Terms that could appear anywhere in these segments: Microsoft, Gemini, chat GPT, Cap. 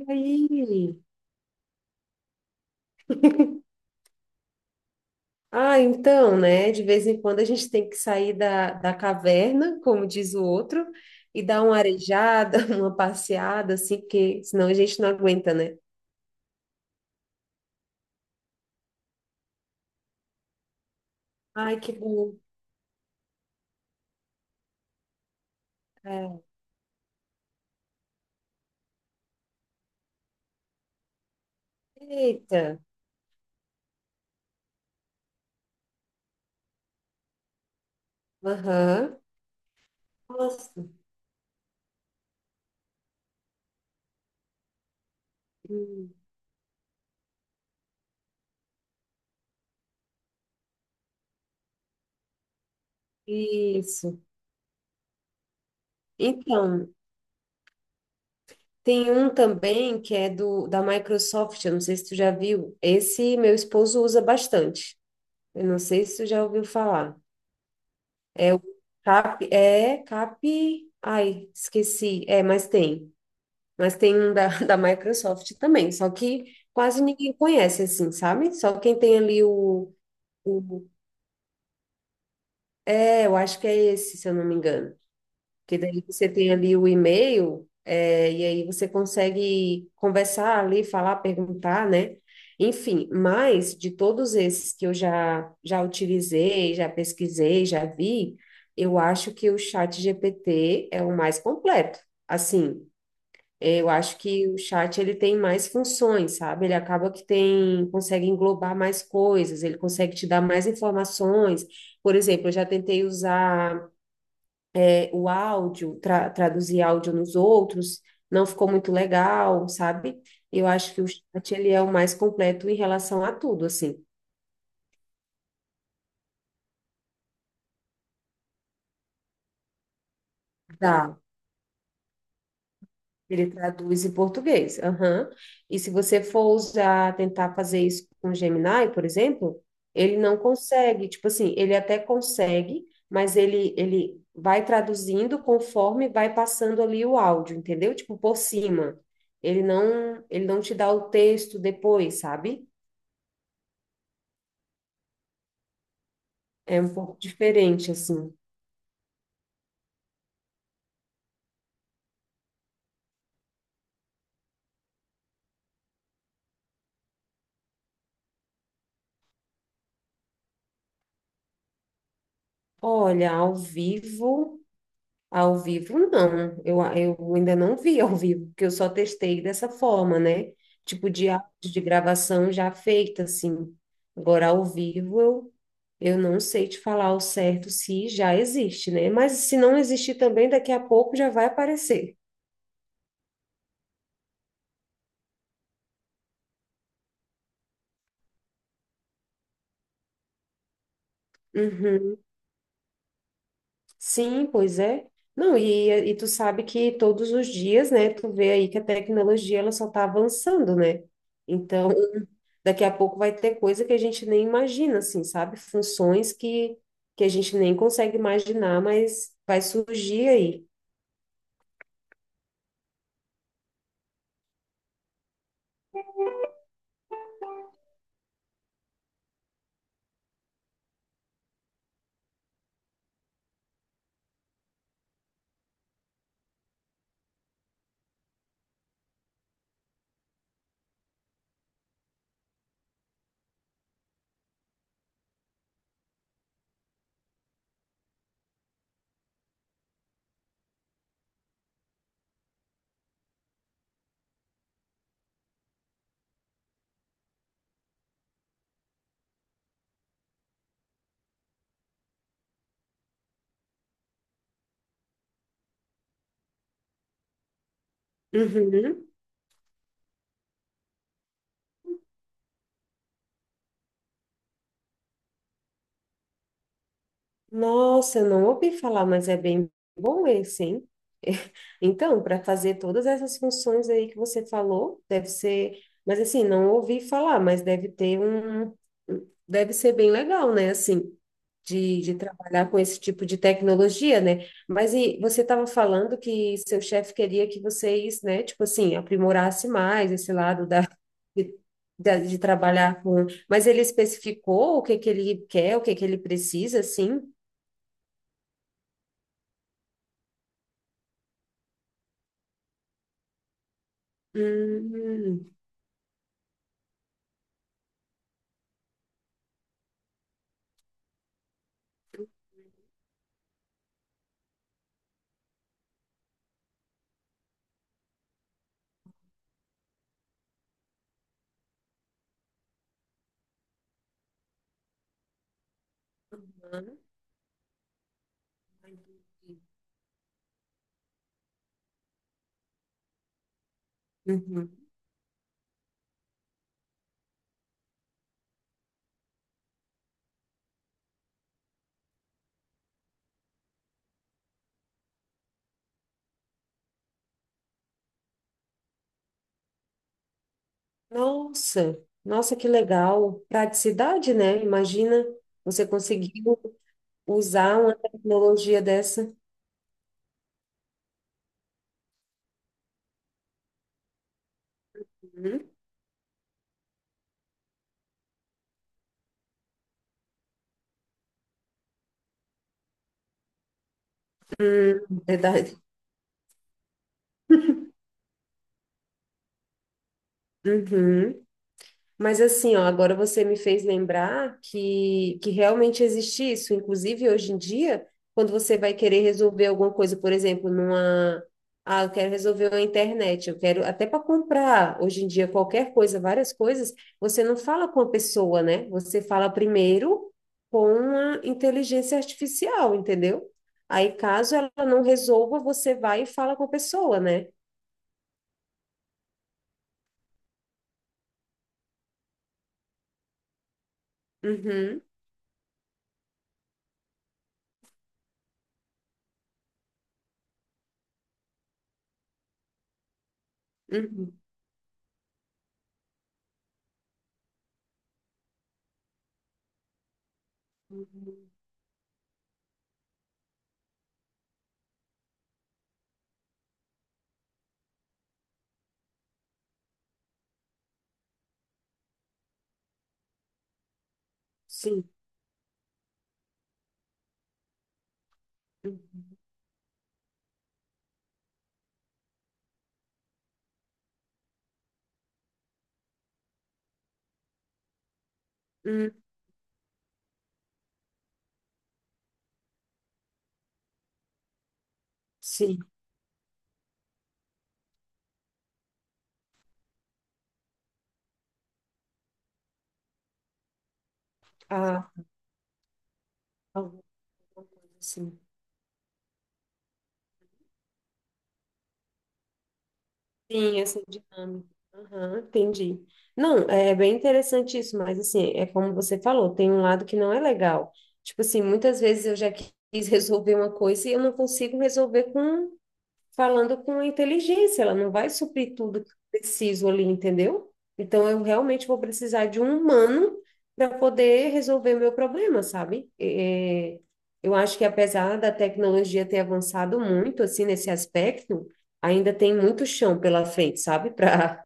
E aí? Ah, então, né? De vez em quando a gente tem que sair da caverna, como diz o outro, e dar uma arejada, uma passeada, assim, porque senão a gente não aguenta, né? Ai, que bom. É. Eita. Aham. Nossa. Hum. Isso. Então, tem um também que é do da Microsoft, eu não sei se tu já viu. Esse meu esposo usa bastante. Eu não sei se tu já ouviu falar. É o Cap, é Cap, ai, esqueci. É, mas tem. Mas tem um da, da Microsoft também, só que quase ninguém conhece assim, sabe? Só quem tem ali o, é, eu acho que é esse, se eu não me engano. Que daí você tem ali o e-mail, é, e aí você consegue conversar ali, falar, perguntar, né? Enfim, mas de todos esses que eu já utilizei, já pesquisei, já vi, eu acho que o chat GPT é o mais completo. Assim, eu acho que o chat ele tem mais funções, sabe? Ele acaba que tem, consegue englobar mais coisas, ele consegue te dar mais informações. Por exemplo, eu já tentei usar o áudio, tra traduzir áudio nos outros, não ficou muito legal, sabe? Eu acho que o chat ele é o mais completo em relação a tudo, assim. Dá. Ele traduz em português. Aham. E se você for usar, tentar fazer isso com o Gemini, por exemplo, ele não consegue. Tipo assim, ele até consegue, mas ele vai traduzindo conforme vai passando ali o áudio, entendeu? Tipo, por cima. Ele não te dá o texto depois, sabe? É um pouco diferente, assim. Olha, ao vivo não. Eu ainda não vi ao vivo, porque eu só testei dessa forma, né? Tipo de áudio de gravação já feita, assim. Agora, ao vivo, eu não sei te falar ao certo se já existe, né? Mas se não existir também, daqui a pouco já vai aparecer. Uhum. Sim, pois é. Não, e tu sabe que todos os dias, né, tu vê aí que a tecnologia ela só está avançando, né? Então, daqui a pouco vai ter coisa que a gente nem imagina, assim, sabe? Funções que a gente nem consegue imaginar, mas vai surgir aí. Uhum. Nossa, eu não ouvi falar, mas é bem bom esse, hein? Então, para fazer todas essas funções aí que você falou, deve ser, mas assim, não ouvi falar, mas deve ter um, um, deve ser bem legal, né? Assim, de trabalhar com esse tipo de tecnologia, né? Mas e você estava falando que seu chefe queria que vocês, né, tipo assim, aprimorasse mais esse lado da, de, de trabalhar com, mas ele especificou o que que ele quer, o que que ele precisa, assim? Hum, aham. Uhum. Nossa, nossa, que legal. Praticidade, né? Imagina você conseguiu usar uma tecnologia dessa. Uhum. Hum, verdade. Uhum. Mas assim, ó, agora você me fez lembrar que realmente existe isso. Inclusive, hoje em dia, quando você vai querer resolver alguma coisa, por exemplo, numa. Ah, eu quero resolver a internet, eu quero até para comprar hoje em dia qualquer coisa, várias coisas, você não fala com a pessoa, né? Você fala primeiro com uma inteligência artificial, entendeu? Aí, caso ela não resolva, você vai e fala com a pessoa, né? Uhum, uhum. Uhum. Sim. Uhum. Uhum. Sim. Ah, alguma coisa assim. Sim, essa dinâmica. Aham, entendi. Não, é bem interessante isso, mas assim, é como você falou, tem um lado que não é legal. Tipo assim, muitas vezes eu já quis resolver uma coisa e eu não consigo resolver com falando com inteligência, ela não vai suprir tudo que eu preciso ali, entendeu? Então eu realmente vou precisar de um humano para poder resolver meu problema, sabe? É, é, eu acho que apesar da tecnologia ter avançado muito assim nesse aspecto, ainda tem muito chão pela frente, sabe? Para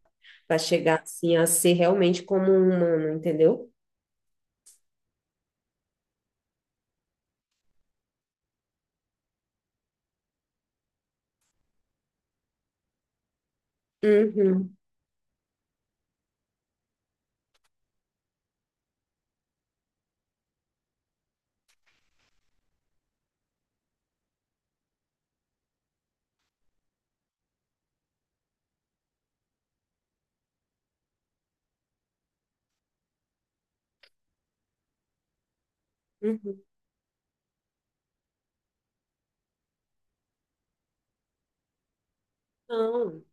para chegar assim a ser realmente como um humano, entendeu? Uhum, uhum. Não.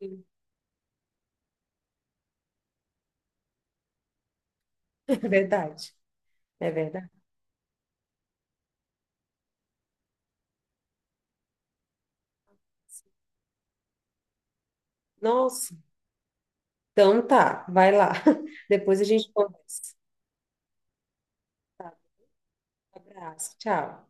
É verdade, é verdade. Nossa. Então tá, vai lá. Depois a gente conversa. Abraço, tchau.